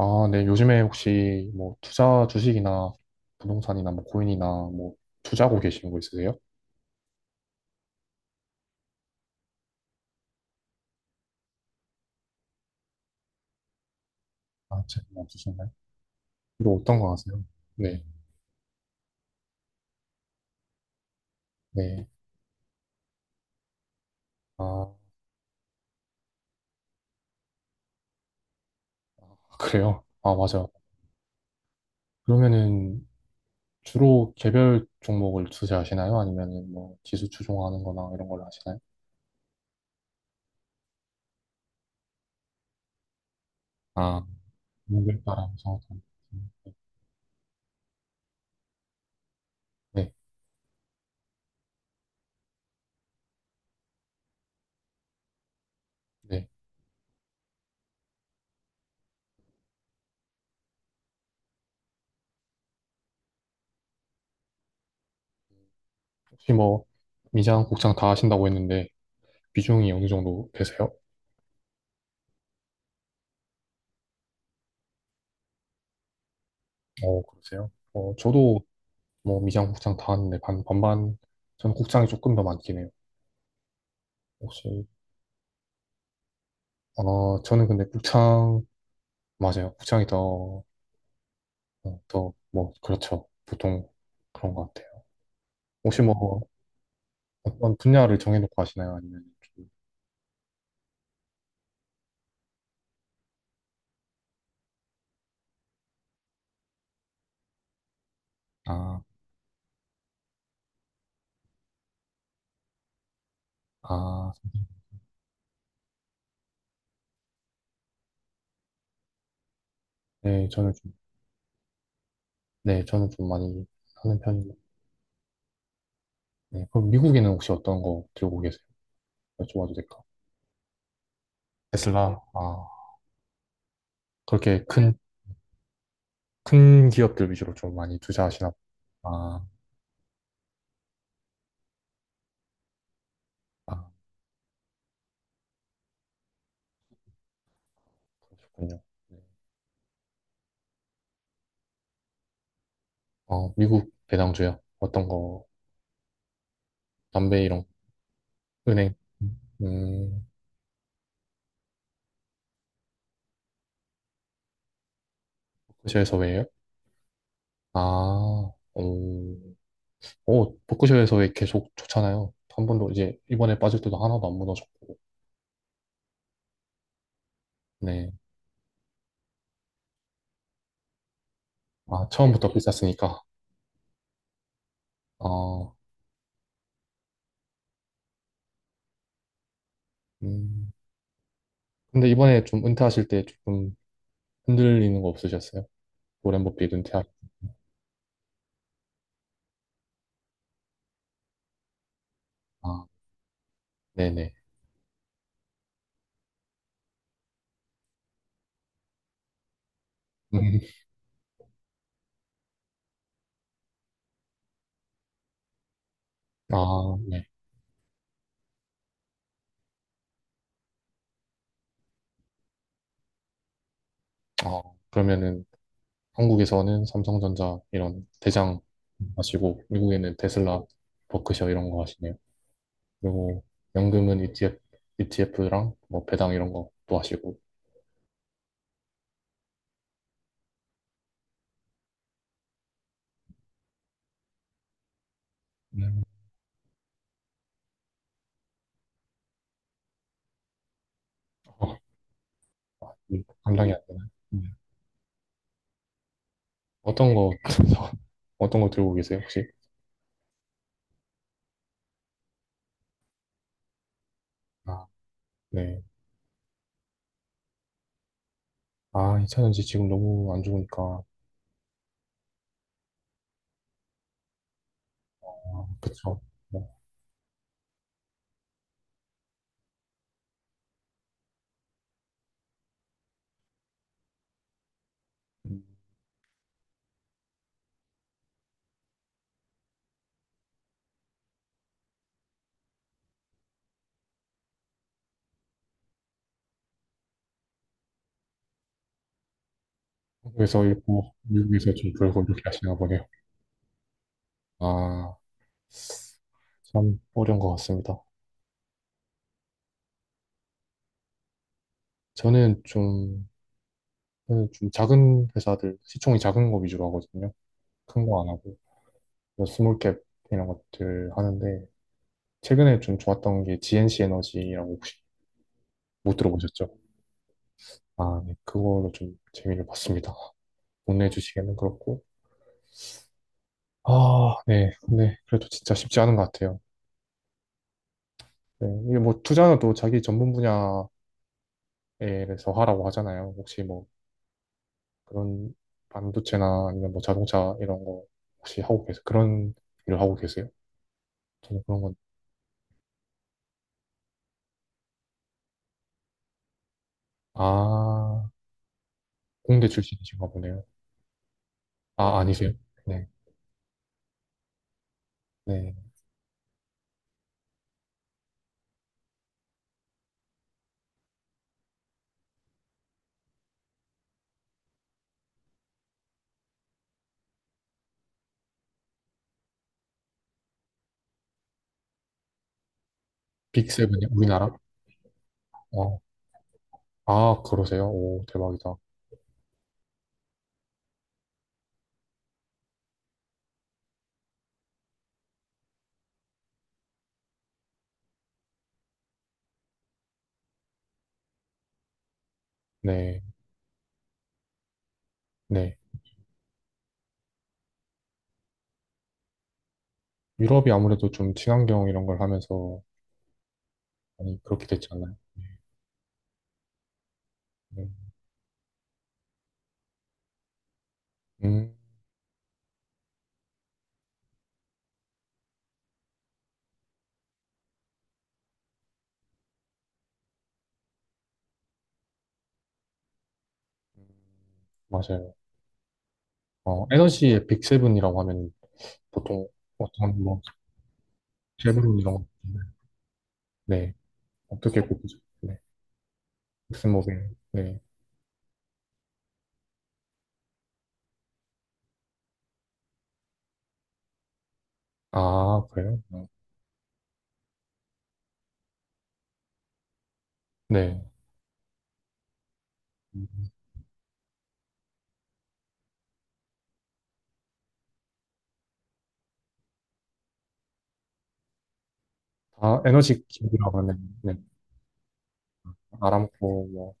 아, 네. 요즘에 혹시 뭐 투자 주식이나 부동산이나 뭐 코인이나 뭐 투자하고 계시는 거 있으세요? 아, 제가 없으신가요? 이거 어떤 거 하세요? 네. 네. 아, 그래요? 아, 맞아요. 그러면은 주로 개별 종목을 투자하시나요? 아니면은 뭐 지수 추종하는 거나 이런 걸 하시나요? 아, 종목에 따라서. 다른 거죠. 네. 네. 혹시 뭐 미장, 국장 다 하신다고 했는데 비중이 어느 정도 되세요? 어, 그러세요? 어, 저도 뭐 미장, 국장 다 하는데 반, 반반. 저는 국장이 조금 더 많긴 해요. 혹시, 어, 저는 근데 국장, 맞아요. 국장이 더, 어, 더, 뭐, 그렇죠. 보통 그런 것 같아요. 혹시 뭐, 어떤 분야를 정해놓고 하시나요? 아니면 좀, 아, 아, 네, 저는 좀, 네, 저는 좀 많이 하는 편이에요. 네, 그럼 미국에는 혹시 어떤 거 들고 계세요? 여쭤봐도 될까? 테슬라, 아, 그렇게 큰, 큰 기업들 위주로 좀 많이 투자하시나? 아, 아, 그렇군요. 어, 미국 배당주요? 어떤 거? 담배 이런 거? 은행? 음, 복지에서 왜요? 아, 음, 어, 복에서 왜 계속 좋잖아요. 한 번도 이제 이번에 빠질 때도 하나도 안 무너졌고. 네. 아, 처음부터 비쌌으니까. 아, 음. 근데 이번에 좀 은퇴하실 때 조금 흔들리는 거 없으셨어요? 워렌 버핏 은퇴하. 아, 네네. 음. 아, 네. 아, 그러면은 한국에서는 삼성전자 이런 대장 하시고 미국에는 테슬라, 버크셔 이런 거 하시네요. 그리고 연금은 ETF, ETF랑 뭐 배당 이런 것도 하시고 음, 어, 감당이 안 되나요? 음. 어떤 거 어떤 거 들고 계세요 혹시? 아, 네. 아, 2차전지 지금 너무 안 좋으니까 아, 그쵸. 뭐, 음, 한국에서 읽고 미국에서 좀 벌고 이렇게 하시나 보네요. 아, 참 어려운 것 같습니다. 저는 좀 그래서 좀 작은 회사들, 시총이 작은 거 위주로 하거든요. 큰 거 안 하고. 그래서 스몰캡 이런 것들 하는데, 최근에 좀 좋았던 게 GNC 에너지라고 혹시 못 들어보셨죠? 아, 네. 그걸로 좀 재미를 봤습니다. 국내 주식에는 그렇고. 아, 네. 근데 그래도 진짜 쉽지 않은 것 같아요. 네. 이게 뭐 투자는 또 자기 전문 분야에서 하라고 하잖아요. 혹시 뭐 그런 반도체나 아니면 뭐 자동차 이런 거 혹시 하고 계세요? 그런 일을 하고 계세요? 저는 그런 건, 아, 공대 출신이신가 보네요. 아, 아니세요? 네, 네. 빅세븐이 우리나라? 어, 아, 그러세요? 오, 대박이다. 네, 네. 유럽이 아무래도 좀 친환경 이런 걸 하면서 많이 그렇게 됐지 않나요? 음, 음, 맞아요. 어, 에너지의 빅세븐이라고 하면 보통 어떤 뭐 세븐 이런 거 같은데. 네, 어떻게 꼽으죠? 네, 엑스모빌. 네, 아, 그래요? 어. 네. 음, 다 에너지 기업이라고 하면 네, 아람코 뭐,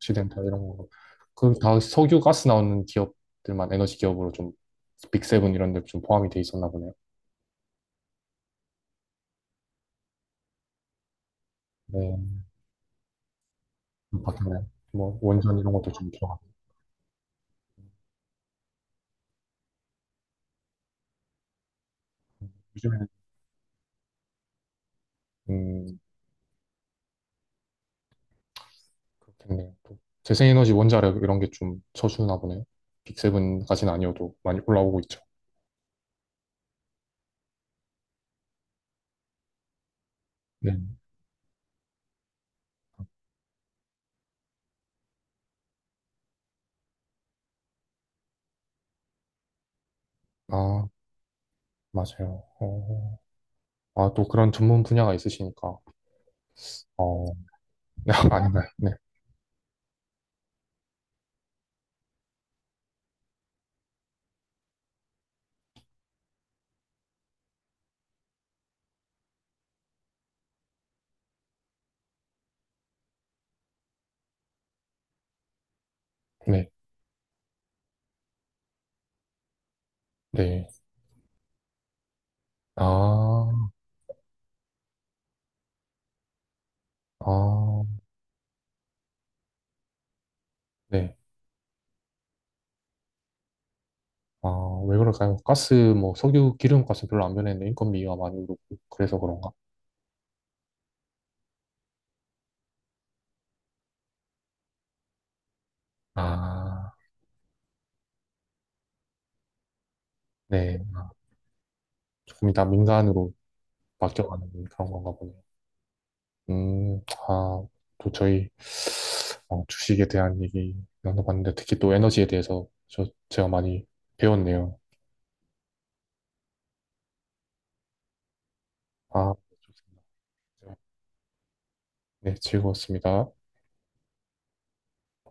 시덴탈 이런 거. 그다 석유 가스 나오는 기업들만 에너지 기업으로 좀 빅세븐 이런 데 좀 포함이 돼 있었나 보네요. 네, 좀 바뀌었네요. 뭐 원전 이런 것도 좀 들어가고 요즘에는 음 그렇겠네요. 또 재생에너지 원자력 이런 게 좀 쳐주나 보네요. 빅세븐까지는 아니어도 많이 올라오고 있죠. 네, 아 맞아요. 어, 아또 그런 전문 분야가 있으시니까 어 아닌가요? 네, 네, 네. 아, 아, 네. 아, 왜 그럴까요? 가스, 뭐, 석유, 기름 값은 별로 안 변했는데 인건비가 많이 오르고, 그래서 그런가? 아, 네. 조금 이따 민간으로 바뀌어가는 그런 건가 보네요. 음, 아, 또 저희, 어, 주식에 대한 얘기 나눠봤는데, 특히 또 에너지에 대해서 저, 제가 많이 배웠네요. 아, 좋습니다. 네, 즐거웠습니다.